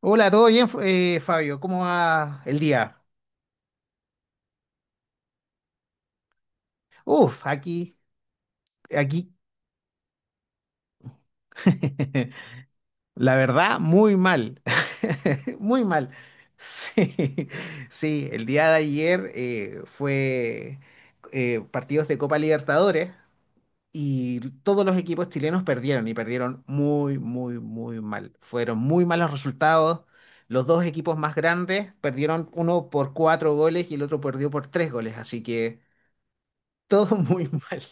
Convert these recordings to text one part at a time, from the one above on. Hola, ¿todo bien, Fabio? ¿Cómo va el día? Uf, aquí, la verdad, muy mal, muy mal. Sí, sí, el día de ayer fue partidos de Copa Libertadores y todos los equipos chilenos perdieron y perdieron muy, muy, muy mal. Fueron muy malos resultados. Los dos equipos más grandes perdieron uno por cuatro goles y el otro perdió por tres goles, así que todo muy mal.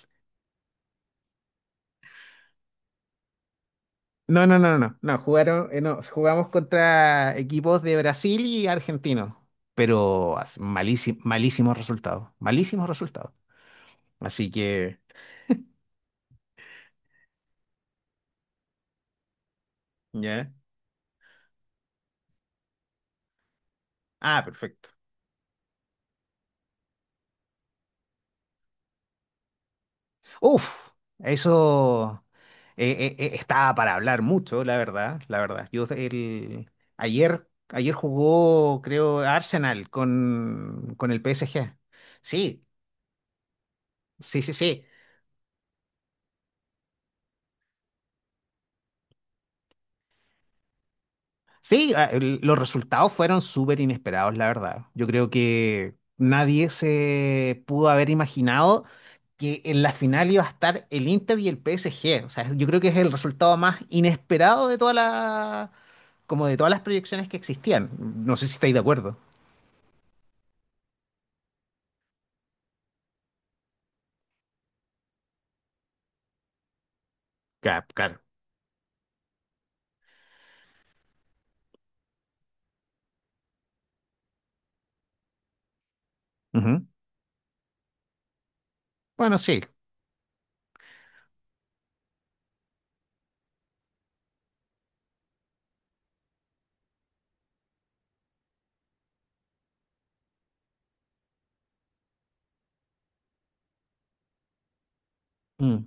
No, no, no, no, no, jugaron, no, jugamos contra equipos de Brasil y argentinos, pero malísimos, malísimos resultados, malísimos resultados. Así que, ¿ya? Ah, perfecto. Uf, eso estaba para hablar mucho, la verdad, la verdad. Ayer, ayer jugó, creo, Arsenal con el PSG. Sí, sí, sí, sí. Sí, ah, los resultados fueron súper inesperados, la verdad. Yo creo que nadie se pudo haber imaginado que en la final iba a estar el Inter y el PSG. O sea, yo creo que es el resultado más inesperado de como de todas las proyecciones que existían. No sé si estáis de acuerdo. Claro, claro. Ujú. Bueno, sí. Mm.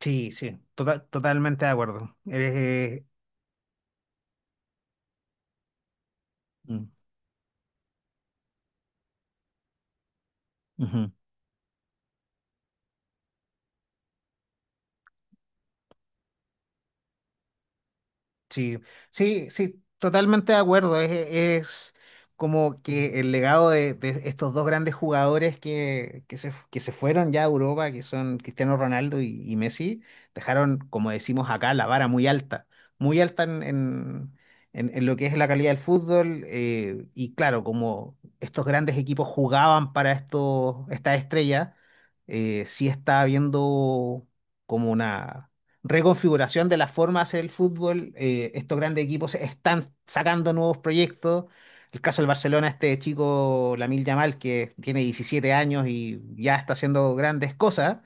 Sí, sí, total, totalmente de acuerdo. Eres, mm. Ujú. Sí, sí, sí, totalmente de acuerdo. Es como que el legado de estos dos grandes jugadores que se fueron ya a Europa, que son Cristiano Ronaldo y Messi, dejaron, como decimos acá, la vara muy alta en lo que es la calidad del fútbol. Y claro, como estos grandes equipos jugaban para estas estrellas, sí está habiendo como una reconfiguración de la forma de hacer el fútbol. Estos grandes equipos están sacando nuevos proyectos. El caso del Barcelona, este chico Lamil Yamal, que tiene 17 años y ya está haciendo grandes cosas.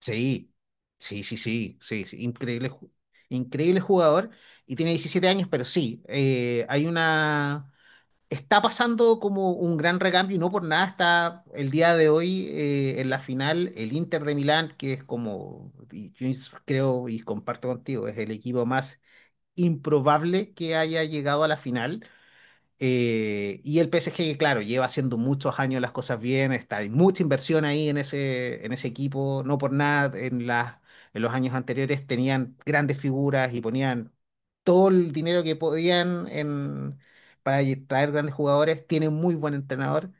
Sí, sí, sí, sí, sí, sí, increíble, increíble jugador y tiene 17 años, pero sí, hay una, está pasando como un gran recambio y no por nada está el día de hoy en la final el Inter de Milán, que es como, y yo creo y comparto contigo, es el equipo más improbable que haya llegado a la final. Y el PSG, claro, lleva haciendo muchos años las cosas bien, está, hay mucha inversión ahí en ese equipo, no por nada, en los años anteriores tenían grandes figuras y ponían todo el dinero que podían en, para traer grandes jugadores, tienen muy buen entrenador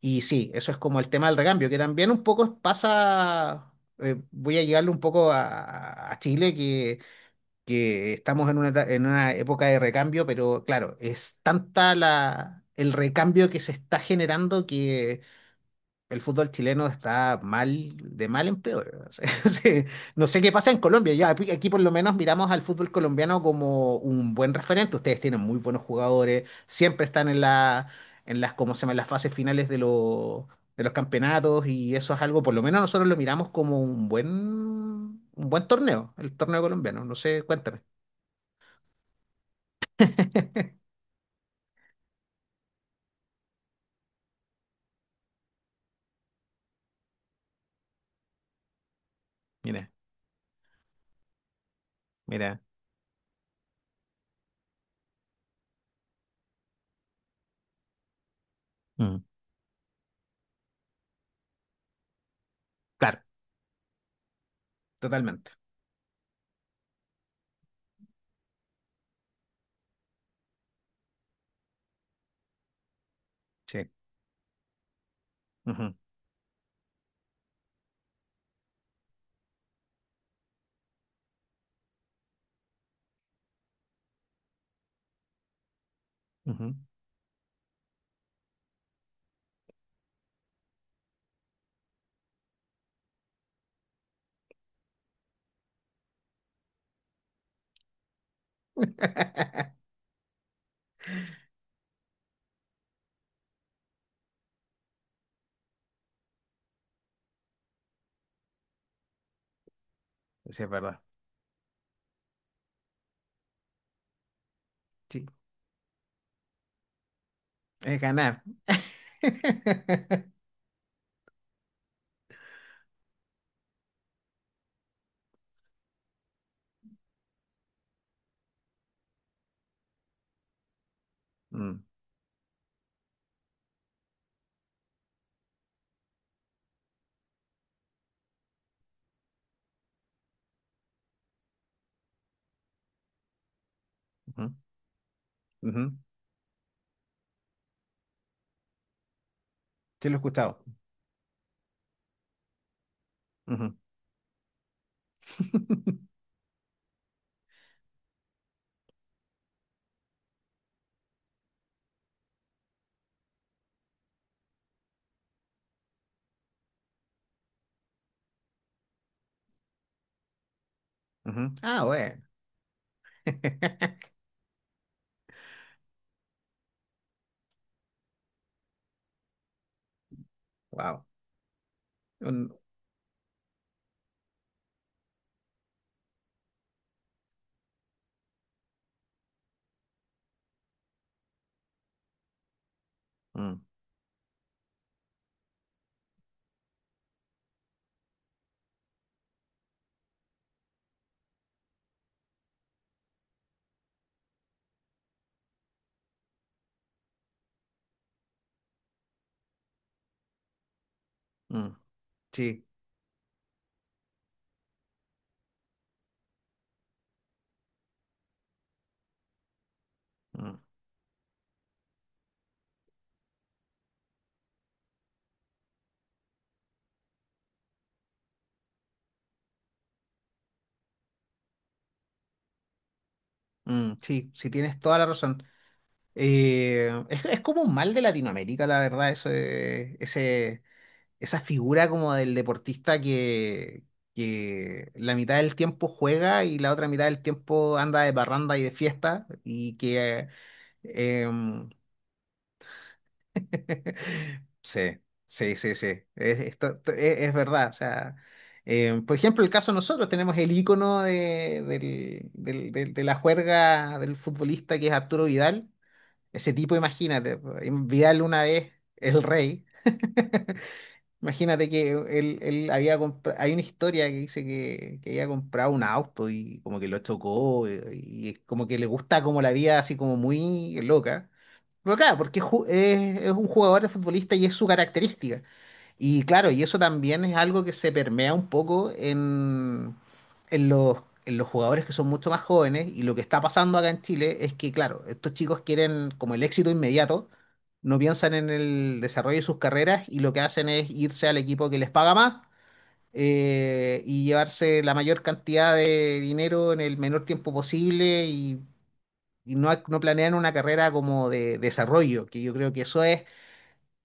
y sí, eso es como el tema del recambio, que también un poco pasa, voy a llegarle un poco a Chile, que estamos en una, en una época de recambio, pero claro, es tanta el recambio que se está generando que el fútbol chileno está mal, de mal en peor. O sea, sí. No sé qué pasa en Colombia. Ya, aquí por lo menos miramos al fútbol colombiano como un buen referente. Ustedes tienen muy buenos jugadores, siempre están en la, en las, ¿cómo se llama? En las fases finales de los campeonatos y eso es algo, por lo menos nosotros lo miramos como un buen torneo, el torneo colombiano. No sé, cuéntame. Mira, mira. Mm, claro, totalmente. Sí. Ujú, ujú. Sí, es verdad. Sí, es ganar. Mm, ujú, ujú. Sí, lo he escuchado. Ujú, ujú. Ah, bueno. Wow. Sí. Mm, mm, sí, sí, tienes toda la razón. Es como un mal de Latinoamérica, la verdad, eso, esa figura como del deportista que la mitad del tiempo juega y la otra mitad del tiempo anda de barranda y de fiesta y que... em, sí, sí, sí, sí, es es verdad. O sea, por ejemplo, el caso de nosotros tenemos el ícono de la juerga del futbolista que es Arturo Vidal. Ese tipo, imagínate, Vidal una vez, el rey. Imagínate que él había comprado, hay una historia que dice que había comprado un auto y como que lo chocó es como que le gusta como la vida así como muy loca. Pero claro, porque es un jugador de futbolista y es su característica. Y claro, y eso también es algo que se permea un poco en los, en los jugadores que son mucho más jóvenes. Y lo que está pasando acá en Chile es que, claro, estos chicos quieren como el éxito inmediato, no piensan en el desarrollo de sus carreras y lo que hacen es irse al equipo que les paga más y llevarse la mayor cantidad de dinero en el menor tiempo posible y no, no planean una carrera como de desarrollo, que yo creo que eso es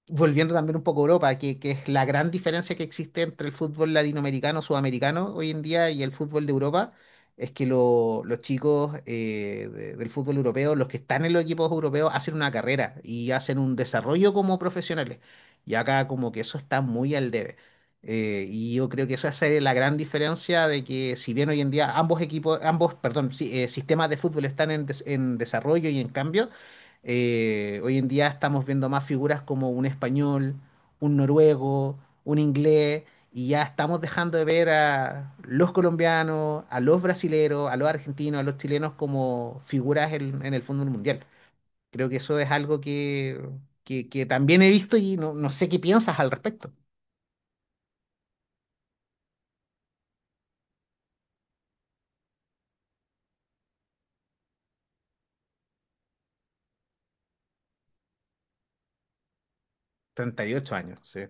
volviendo también un poco a Europa, que es la gran diferencia que existe entre el fútbol latinoamericano, sudamericano hoy en día y el fútbol de Europa, es que los chicos del fútbol europeo, los que están en los equipos europeos, hacen una carrera y hacen un desarrollo como profesionales. Y acá como que eso está muy al debe. Y yo creo que esa es la gran diferencia de que si bien hoy en día ambos, perdón, sí, sistemas de fútbol están en desarrollo y en cambio, hoy en día estamos viendo más figuras como un español, un noruego, un inglés, y ya estamos dejando de ver a los colombianos, a los brasileros, a los argentinos, a los chilenos como figuras en el fútbol mundial. Creo que eso es algo que también he visto y no, no sé qué piensas al respecto. 38 años, sí,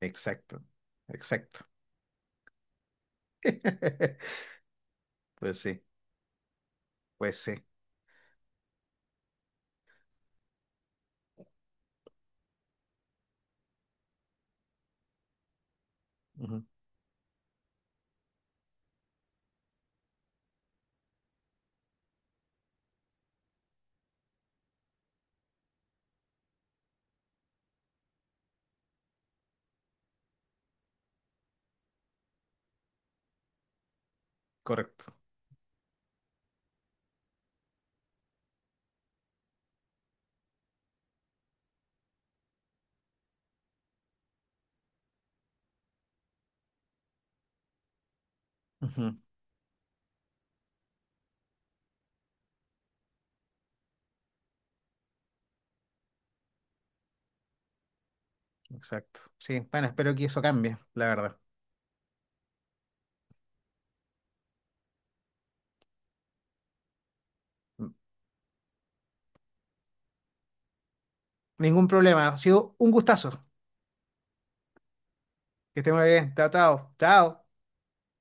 exacto, exacto. Pues sí, pues sí, ujú, correcto, ujú, exacto. Sí, bueno, espero que eso cambie, la verdad. Ningún problema. Ha sido un gustazo. Que esté muy bien. Chao, chao. Chao.